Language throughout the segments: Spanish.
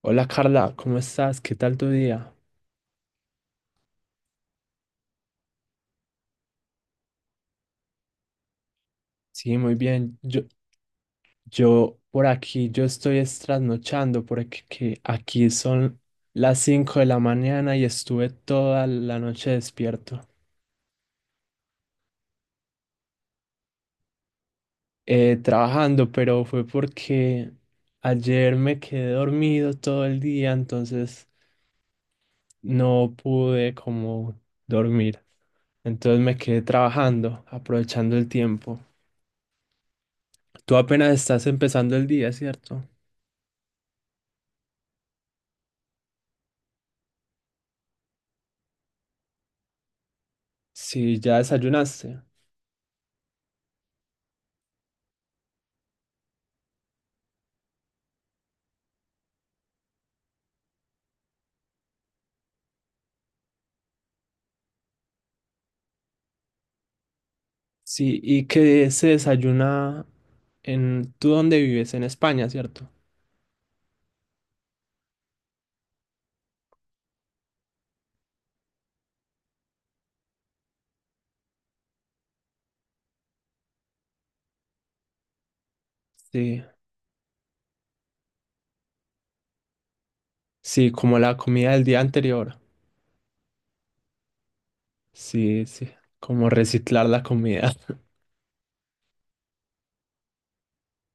Hola Carla, ¿cómo estás? ¿Qué tal tu día? Sí, muy bien. Yo por aquí, yo estoy es trasnochando porque que aquí son las 5 de la mañana y estuve toda la noche despierto, trabajando, pero fue porque ayer me quedé dormido todo el día, entonces no pude como dormir. Entonces me quedé trabajando, aprovechando el tiempo. Tú apenas estás empezando el día, ¿cierto? Sí, ya desayunaste. Sí, ¿y que se desayuna en... ¿Tú dónde vives? En España, ¿cierto? Sí, sí, como la comida del día anterior. Sí, sí, como reciclar la comida.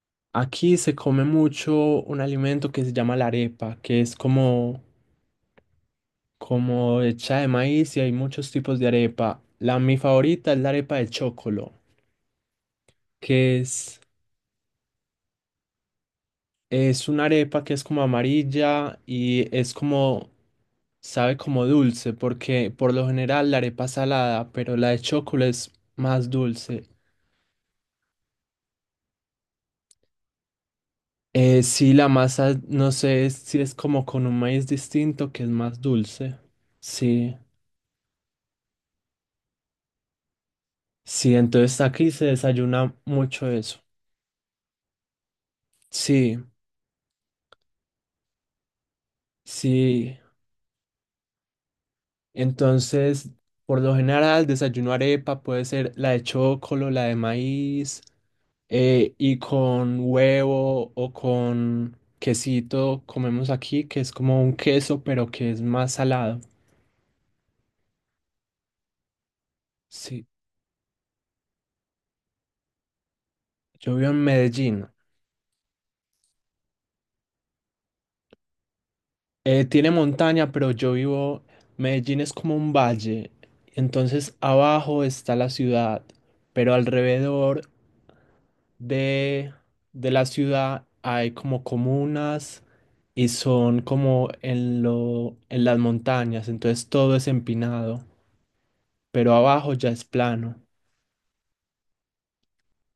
Aquí se come mucho un alimento que se llama la arepa, que es como, como hecha de maíz y hay muchos tipos de arepa. La mi favorita es la arepa de chocolo, que es... Es una arepa que es como amarilla y es como, sabe como dulce, porque por lo general la arepa es salada, pero la de chocolate es más dulce. Sí, la masa, no sé si es como con un maíz distinto que es más dulce. Sí, sí, entonces aquí se desayuna mucho eso. Sí, sí. Entonces, por lo general, desayuno arepa, puede ser la de chocolate, la de maíz, y con huevo o con quesito comemos aquí, que es como un queso, pero que es más salado. Sí, yo vivo en Medellín. Tiene montaña, pero yo vivo, Medellín es como un valle, entonces abajo está la ciudad, pero alrededor de, de la ciudad hay como comunas y son como en lo, en las montañas, entonces todo es empinado. Pero abajo ya es plano.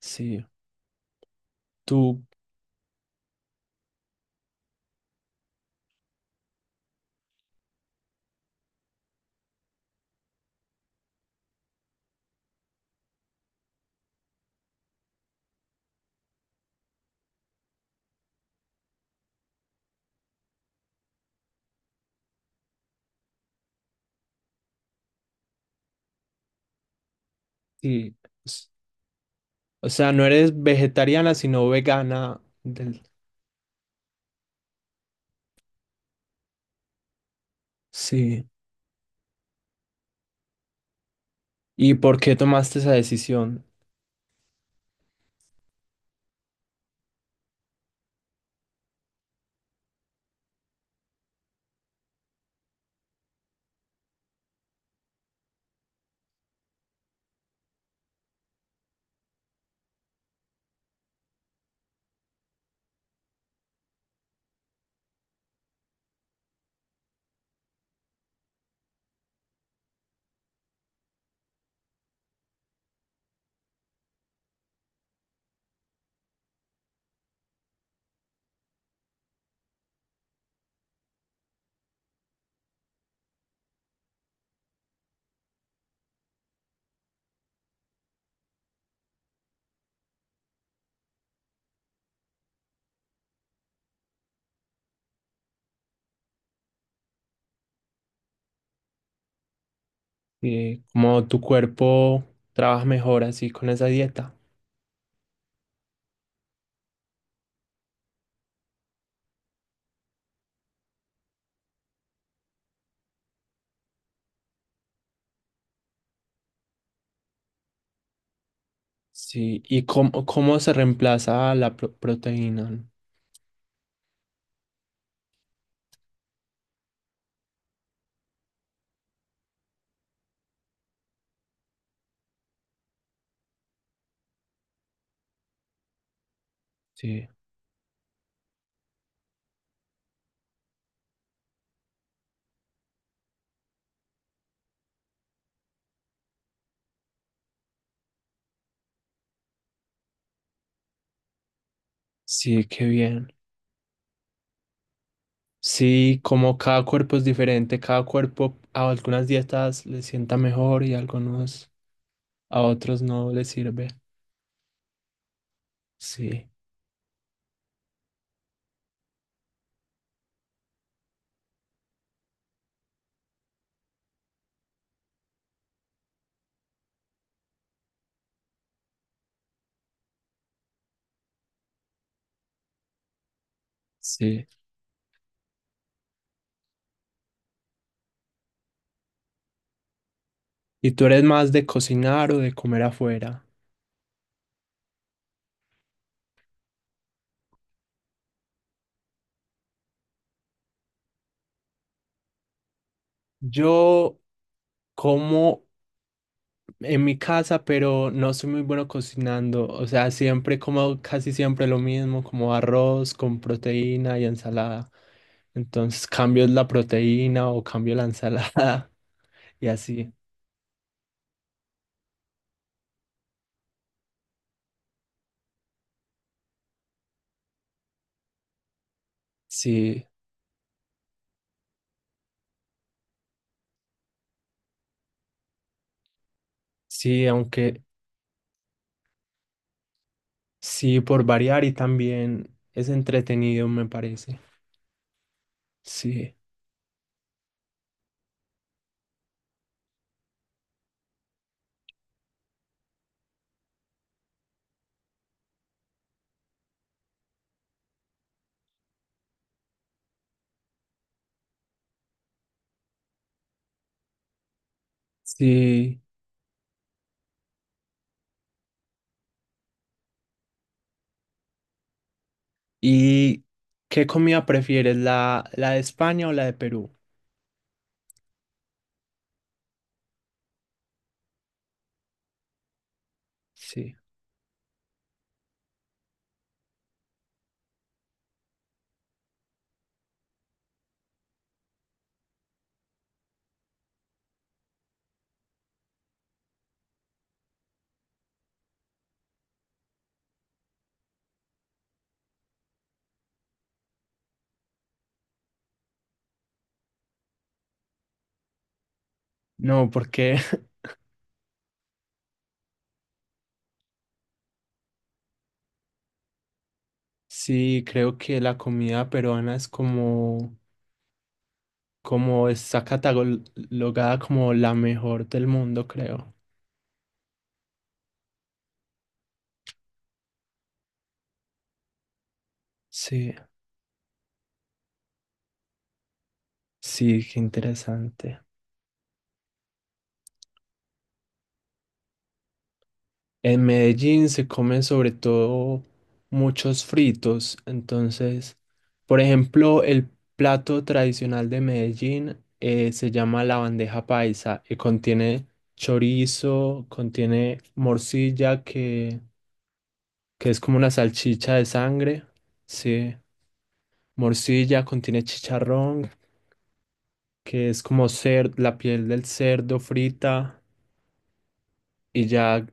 Sí, tú, sí, s- o sea, no eres vegetariana, sino vegana del... Sí. ¿Y por qué tomaste esa decisión? Sí, cómo tu cuerpo trabaja mejor así con esa dieta. Sí, ¿y cómo, cómo se reemplaza la proteína? Sí, sí, qué bien. Sí, como cada cuerpo es diferente, cada cuerpo a algunas dietas le sienta mejor y a algunos a otros no le sirve. Sí. Sí. ¿Y tú eres más de cocinar o de comer afuera? Yo como en mi casa, pero no soy muy bueno cocinando. O sea, siempre como casi siempre lo mismo, como arroz con proteína y ensalada. Entonces cambio la proteína o cambio la ensalada y así. Sí, sí, aunque sí, por variar y también es entretenido, me parece. Sí, sí. ¿Y qué comida prefieres, la de España o la de Perú? Sí. No, porque sí, creo que la comida peruana es como, como está catalogada como la mejor del mundo, creo. Sí, sí, qué interesante. En Medellín se comen sobre todo muchos fritos, entonces, por ejemplo, el plato tradicional de Medellín, se llama la bandeja paisa y contiene chorizo, contiene morcilla, que es como una salchicha de sangre, sí, morcilla, contiene chicharrón, que es como la piel del cerdo frita y ya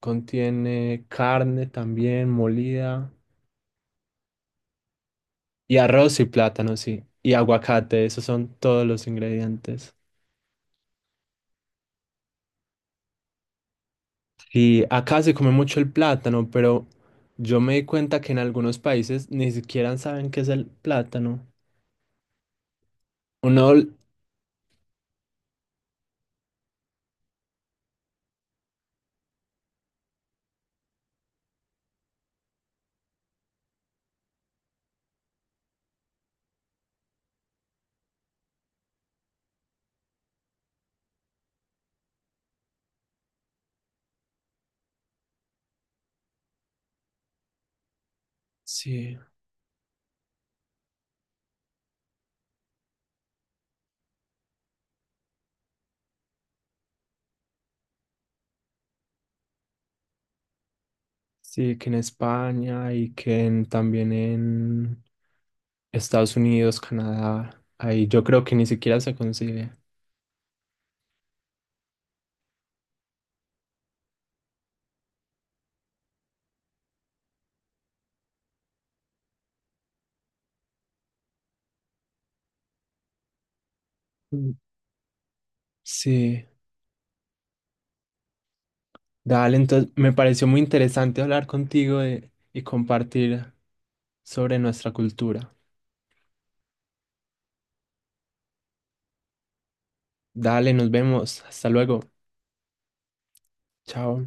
contiene carne también molida. Y arroz y plátano, sí. Y aguacate, esos son todos los ingredientes. Y acá se come mucho el plátano, pero yo me di cuenta que en algunos países ni siquiera saben qué es el plátano. Uno, sí, sí, que en España y que también en Estados Unidos, Canadá, ahí yo creo que ni siquiera se concibe. Mm. Sí, dale, entonces me pareció muy interesante hablar contigo y compartir sobre nuestra cultura. Dale, nos vemos. Hasta luego. Chao.